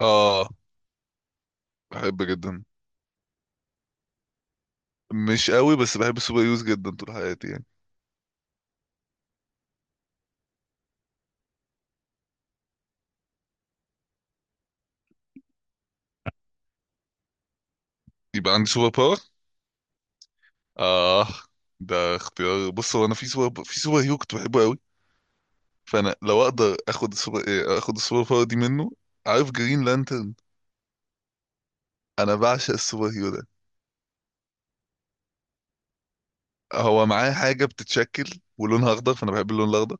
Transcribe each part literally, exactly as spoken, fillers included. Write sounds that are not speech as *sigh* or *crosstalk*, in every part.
اه، بحب جدا. مش قوي بس بحب السوبر هيروز جدا طول حياتي يعني. يبقى عندي سوبر باور. اه، ده اختيار. بص، هو انا في سوبر في سوبر هيرو كنت بحبه قوي، فانا لو اقدر اخد السوبر إيه، اخد السوبر باور دي منه. عارف جرين لانترن؟ انا بعشق السوبر هيرو ده. هو معاه حاجه بتتشكل ولونها اخضر، فانا بحب اللون الاخضر.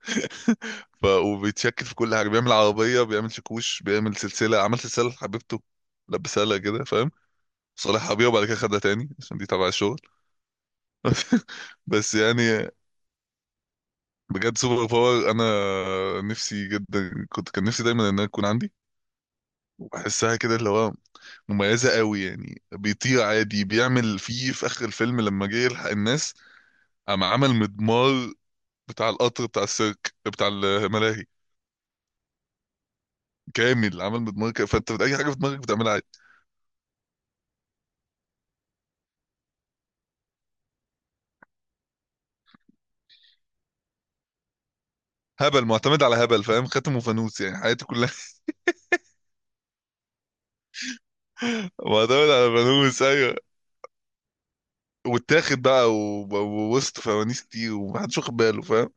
*laughs* ف... وبيتشكل في كل حاجه، بيعمل عربيه، بيعمل شاكوش، بيعمل سلسله، عمل سلسله لحبيبته، لبسها لها كده فاهم؟ صالحها بيها وبعد كده خدها تاني عشان دي تبع الشغل. *laughs* بس يعني بجد سوبر باور انا نفسي جدا، كنت كان نفسي دايما انها تكون عندي. وبحسها كده اللي هو مميزه قوي يعني. بيطير عادي، بيعمل فيه في اخر الفيلم لما جه يلحق الناس، قام عمل مدمار بتاع القطر، بتاع السيرك، بتاع الملاهي، كامل عمل مدمار كده. فانت اي حاجه في دماغك بتعملها عادي. هبل، معتمد على هبل فاهم، خاتم وفانوس يعني حياتي كلها. *laughs* معتمد على فانوس، ايوه. واتاخد بقى و- و- ووسط فوانيس كتير ومحدش واخد باله فاهم؟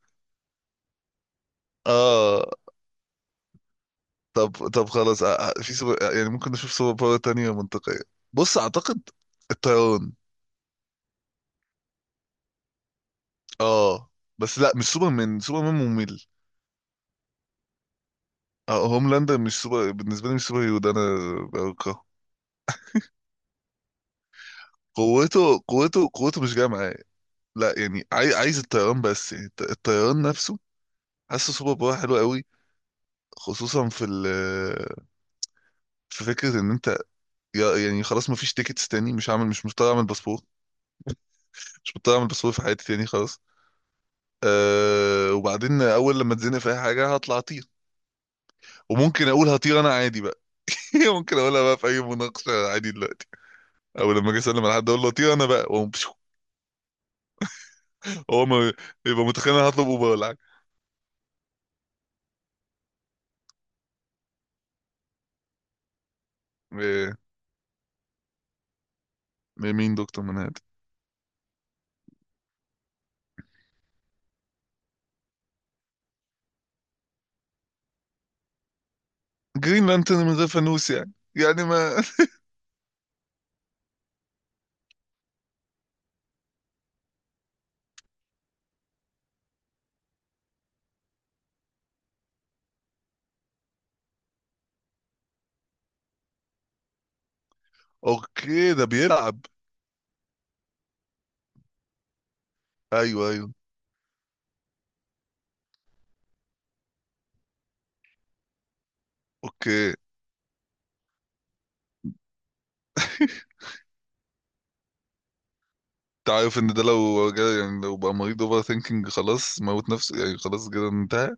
اه. طب طب خلاص. آه، آه، في سوبر آه، يعني ممكن نشوف سوبر باور تانية منطقية. بص، أعتقد الطيران. اه. بس لا، مش سوبرمان، سوبرمان ممل. اه هوملاندر مش سوبر بالنسبة لي، مش سوبر هيرو ده، أنا بكرهه. قوته قوته قوته مش جاية معايا. لا يعني عاي- عايز الطيران، بس يعني الط- الطيران نفسه. حاسه سوبر باور حلو قوي، خصوصا في ال في فكرة إن أنت يا- يعني خلاص مفيش تيكتس تاني، مش هعمل مش مضطر أعمل باسبور. مش مضطر أعمل باسبور في حياتي تاني خلاص. أه وبعدين اول لما اتزنق في اي حاجه هطلع اطير، وممكن اقول هطير انا عادي بقى. *laughs* ممكن اقولها بقى في اي مناقشه عادي دلوقتي، او لما اجي اسلم على حد اقول له هطير انا بقى وأقوم بشو. هو ما، يبقى متخيل انا هطلب اوبر ولا حاجه. إيه، مين دكتور منهد؟ جرين لانترن من غير فانوس يعني يعني ما. *laughs* اوكي، ده بيلعب. ايوه، ايوه. اوكي. *laughs* انت عارف ان ده لو جا- يعني لو بقى مريض اوفر ثينكينج خلاص، موت نفسه يعني خلاص كده انتهى.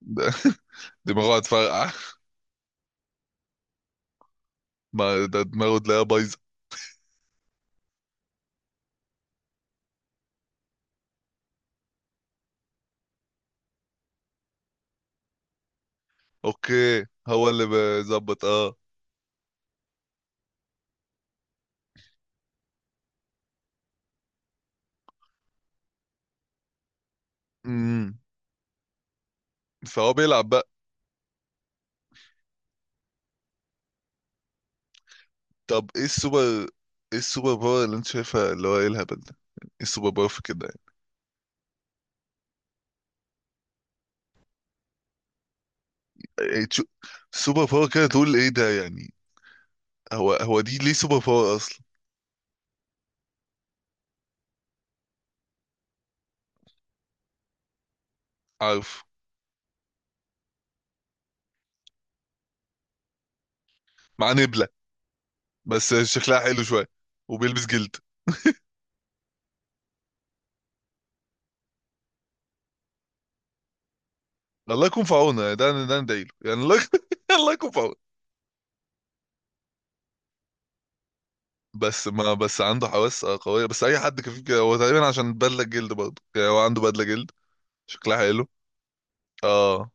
ده *laughs* دماغه هتفرقع. ما ده دماغه تلاقيها بايظه. اوكي، هو اللي بيظبط. اه. امم فهو بيلعب بقى. طب ايه السوبر؟ ايه السوبر باور اللي انت شايفها اللي هو ايه الهبل ده؟ ايه السوبر باور في كده يعني؟ إيه تشو... سوبر باور كده تقول ايه ده يعني؟ هو هو دي ليه سوبر باور اصلا؟ عارف. مع نبلة، بس شكلها حلو شوية، وبيلبس جلد. الله يكون في عونه يعني، ده ده ندعيله يعني، الله يكون *laughs* الله يكون في عونه. بس ما، بس عنده حواس آه، قوية، بس أي حد كفيف كده هو تقريبا، عشان بدلة جلد برضه يعني، هو عنده بدلة جلد. شكلها حلو. اه.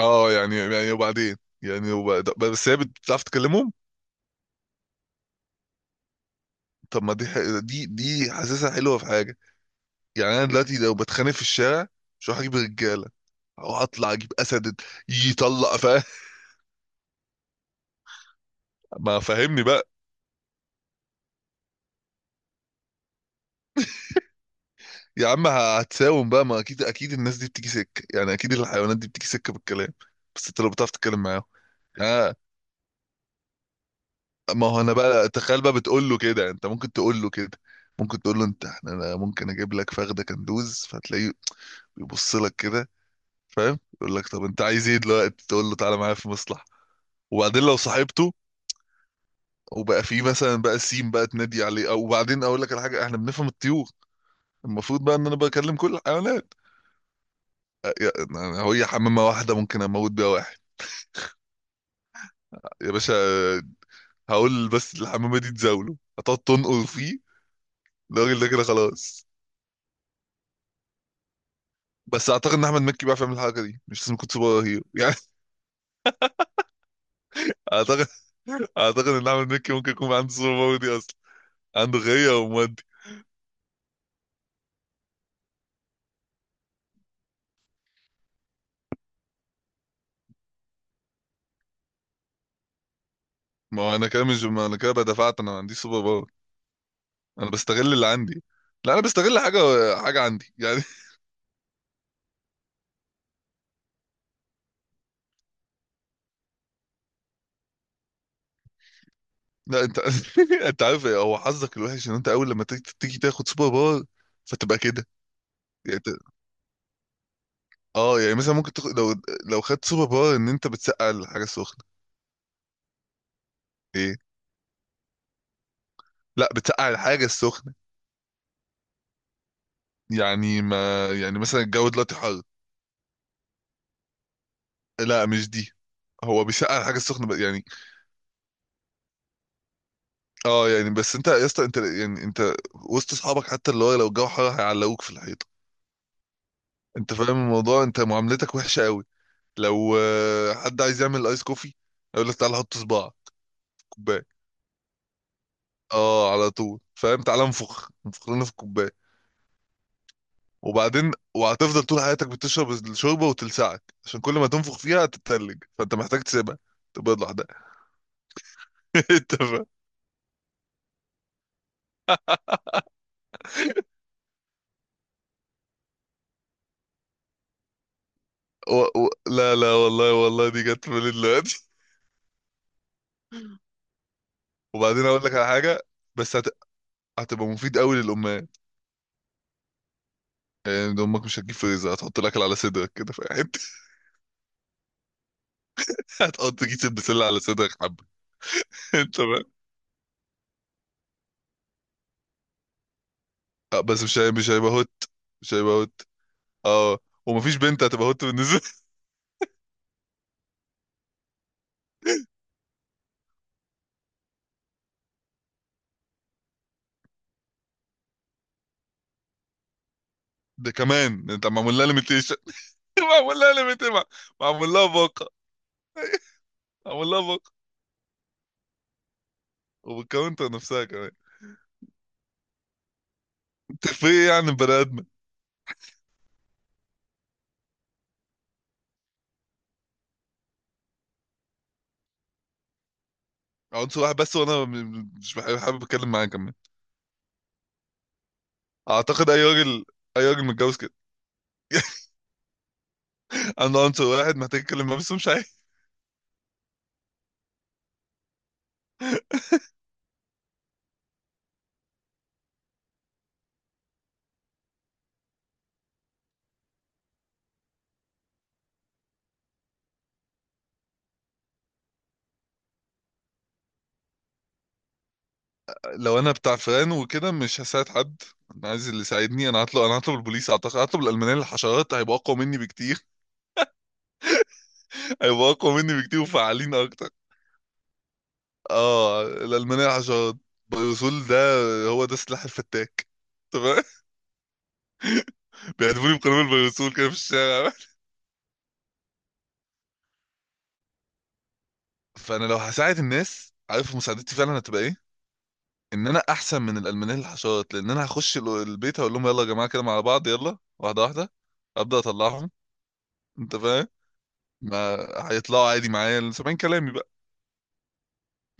اه يعني يعني وبعدين، يعني وبعد... بس هي بتعرف تكلمهم. طب، ما دي ح... دي دي حاسسها حلوه في حاجه. يعني انا دلوقتي لو بتخانق في الشارع، مش هروح اجيب رجاله، او اطلع اجيب اسد يطلق فاهم؟ ما فاهمني بقى. يا عم ه- هتساوم بقى، ما اكيد، اكيد الناس دي بتيجي سكه يعني، اكيد الحيوانات دي بتيجي سكه بالكلام. بس انت لو بتعرف تتكلم معاهم. اه. ما هو انا بقى، تخيل بقى بتقول له كده، انت ممكن تقول له كده، ممكن تقول له انت احنا انا ممكن اجيب لك فخده كندوز، فتلاقيه يبص لك كده فاهم؟ يقول لك طب انت عايز ايه دلوقتي؟ تقول له تعالى معايا في مصلحه. وبعدين لو صاحبته وبقى فيه مثلا بقى سيم بقى تنادي عليه. او وبعدين اقول لك على حاجه، احنا بنفهم الطيور، المفروض بقى ان انا بكلم كل الحيوانات. أ- يا- أنا- هو هي حمامه واحده ممكن اموت بيها واحد. يا باشا، آه، هقول بس الحمامه دي تزاوله، هتقعد تنقر فيه، الراجل ده كده خلاص. بس اعتقد ان احمد مكي بيعرف يعمل الحركه دي، مش لازم يكون سوبر هيرو يعني. *laughs* اعتقد. اعتقد ان احمد مكي ممكن يكون عنده سوبر باور دي اصلا. عنده غيره ومودي. ما هو انا كده مش، ما انا كده بدفعت، انا ما عنديش سوبر باور، انا بستغل اللي عندي. لا، انا بستغل حاجه، حاجه عندي يعني. *laughs* لا انت. *laughs* انت عارف إيه؟ هو حظك الوحش ان انت اول لما تيجي، تيجي تاخد سوبر باور فتبقى كده. يعني ت- اه يعني مثلا ممكن تاخد، لو لو خدت سوبر باور ان انت بتسقع الحاجه السخنه. ايه. لا، بتسقع الحاجه السخنه. يعني ما يعني مثلا الجو دلوقتي حر. لا، مش دي، هو بيسقع الحاجه السخنه ب- يعني. اه يعني، بس انت يا اسطى، انت يعني، انت وسط اصحابك حتى اللي هو لو الجو حر هيعلقوك في الحيطه. انت فاهم الموضوع، انت معاملتك وحشه قوي. لو آه، حد عايز يعمل ايس كوفي يقول لك تعالى حط صباع كوبايه. اه على طول فاهم، تعالى انفخ انفخ لنا في الكوبايه. وبعدين وهتفضل طول حياتك بتشرب الشوربه وتلسعك عشان كل ما تنفخ فيها هتتلج، فانت محتاج تسيبها تبيض لوحدها. *laughs* انت فاهم. و... و... لا لا والله والله، دي جت في بالي دلوقتي. *laughs* وبعدين اقول لك على حاجه، بس هت... هتبقى مفيد قوي للامهات. يعني امك مش هتجيب فريزر، هتحط الاكل على صدرك كده في حته. *laughs* هتحط كيس البسله على صدرك حبه. انت بقى، آه، بس مش هي- مش هيبقى هوت. مش هيبقى هوت. اه. ومفيش بنت هتبقى هوت بالنسبه. *laughs* ده كمان انت معمول لها ليميتيشن. *laughs* معمول لها ليميتيشن. معمول لها باقه. *laughs* معمول لها باقه وبالكاونتر نفسها كمان. *laughs* انت في ايه يعني بني ادم؟ عنصر واحد بس، وانا م- مش بحب- حابب اتكلم معاه كمان. اعتقد اي راجل، اي راجل متجوز كده *laughs* عنده عنصر واحد محتاج يتكلم معاه بس مش عارف. *laughs* لو انا بتاع فران وكده مش هساعد حد. انا عايز اللي يساعدني، انا هطلب، انا هطلب البوليس اعتقد، هطلب الالمانيه للحشرات، هيبقى اقوى مني بكتير، هيبقوا اقوى مني بكتير وفعالين اكتر. اه، الالمانيه حشرات، بيروسول ده، هو ده سلاح الفتاك. تمام. *laughs* بيهدفوني بقنابل البيروسول كده في الشارع. *laughs* فانا لو هساعد الناس، عارف مساعدتي فعلا هتبقى ايه؟ ان انا احسن من الالمانيه للحشرات، لان انا هخش ال- البيت هقول لهم يلا يا جماعه كده مع بعض، يلا واحده واحده ابدا، اطلعهم. انت فاهم. ما هيطلعوا عادي معايا سامعين كلامي بقى.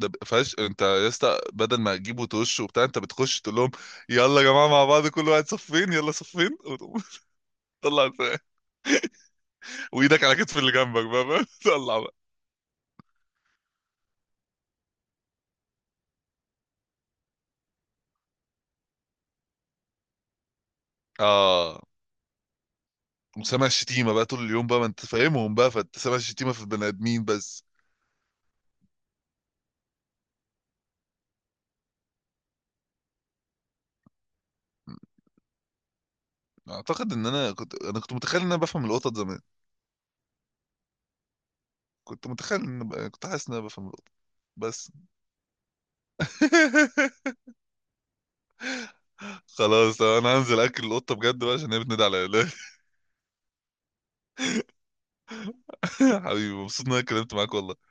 ده فاش انت يا اسطى، بدل ما تجيبه وتوش وبتاع، انت بتخش تقول لهم يلا يا جماعه مع بعض، كل واحد صفين، يلا صفين وتقوم. *laughs* طلع الف- وايدك على كتف اللي جنبك بقى فاهم؟ *laughs* طلع بقى. اه. وسامع الشتيمه بقى طول اليوم بقى، ما انت فاهمهم بقى فانت سامع الشتيمه في البني ادمين بس. اعتقد ان انا كنت انا كنت متخيل ان انا بفهم القطط زمان. كنت متخيل ان ب... كنت حاسس ان انا بفهم القطط، بس. *laughs* خلاص انا هنزل اكل القطه بجد بقى عشان هي بتنادي عليا. *laughs* حبيبي، مبسوط ان انا اتكلمت معاك والله.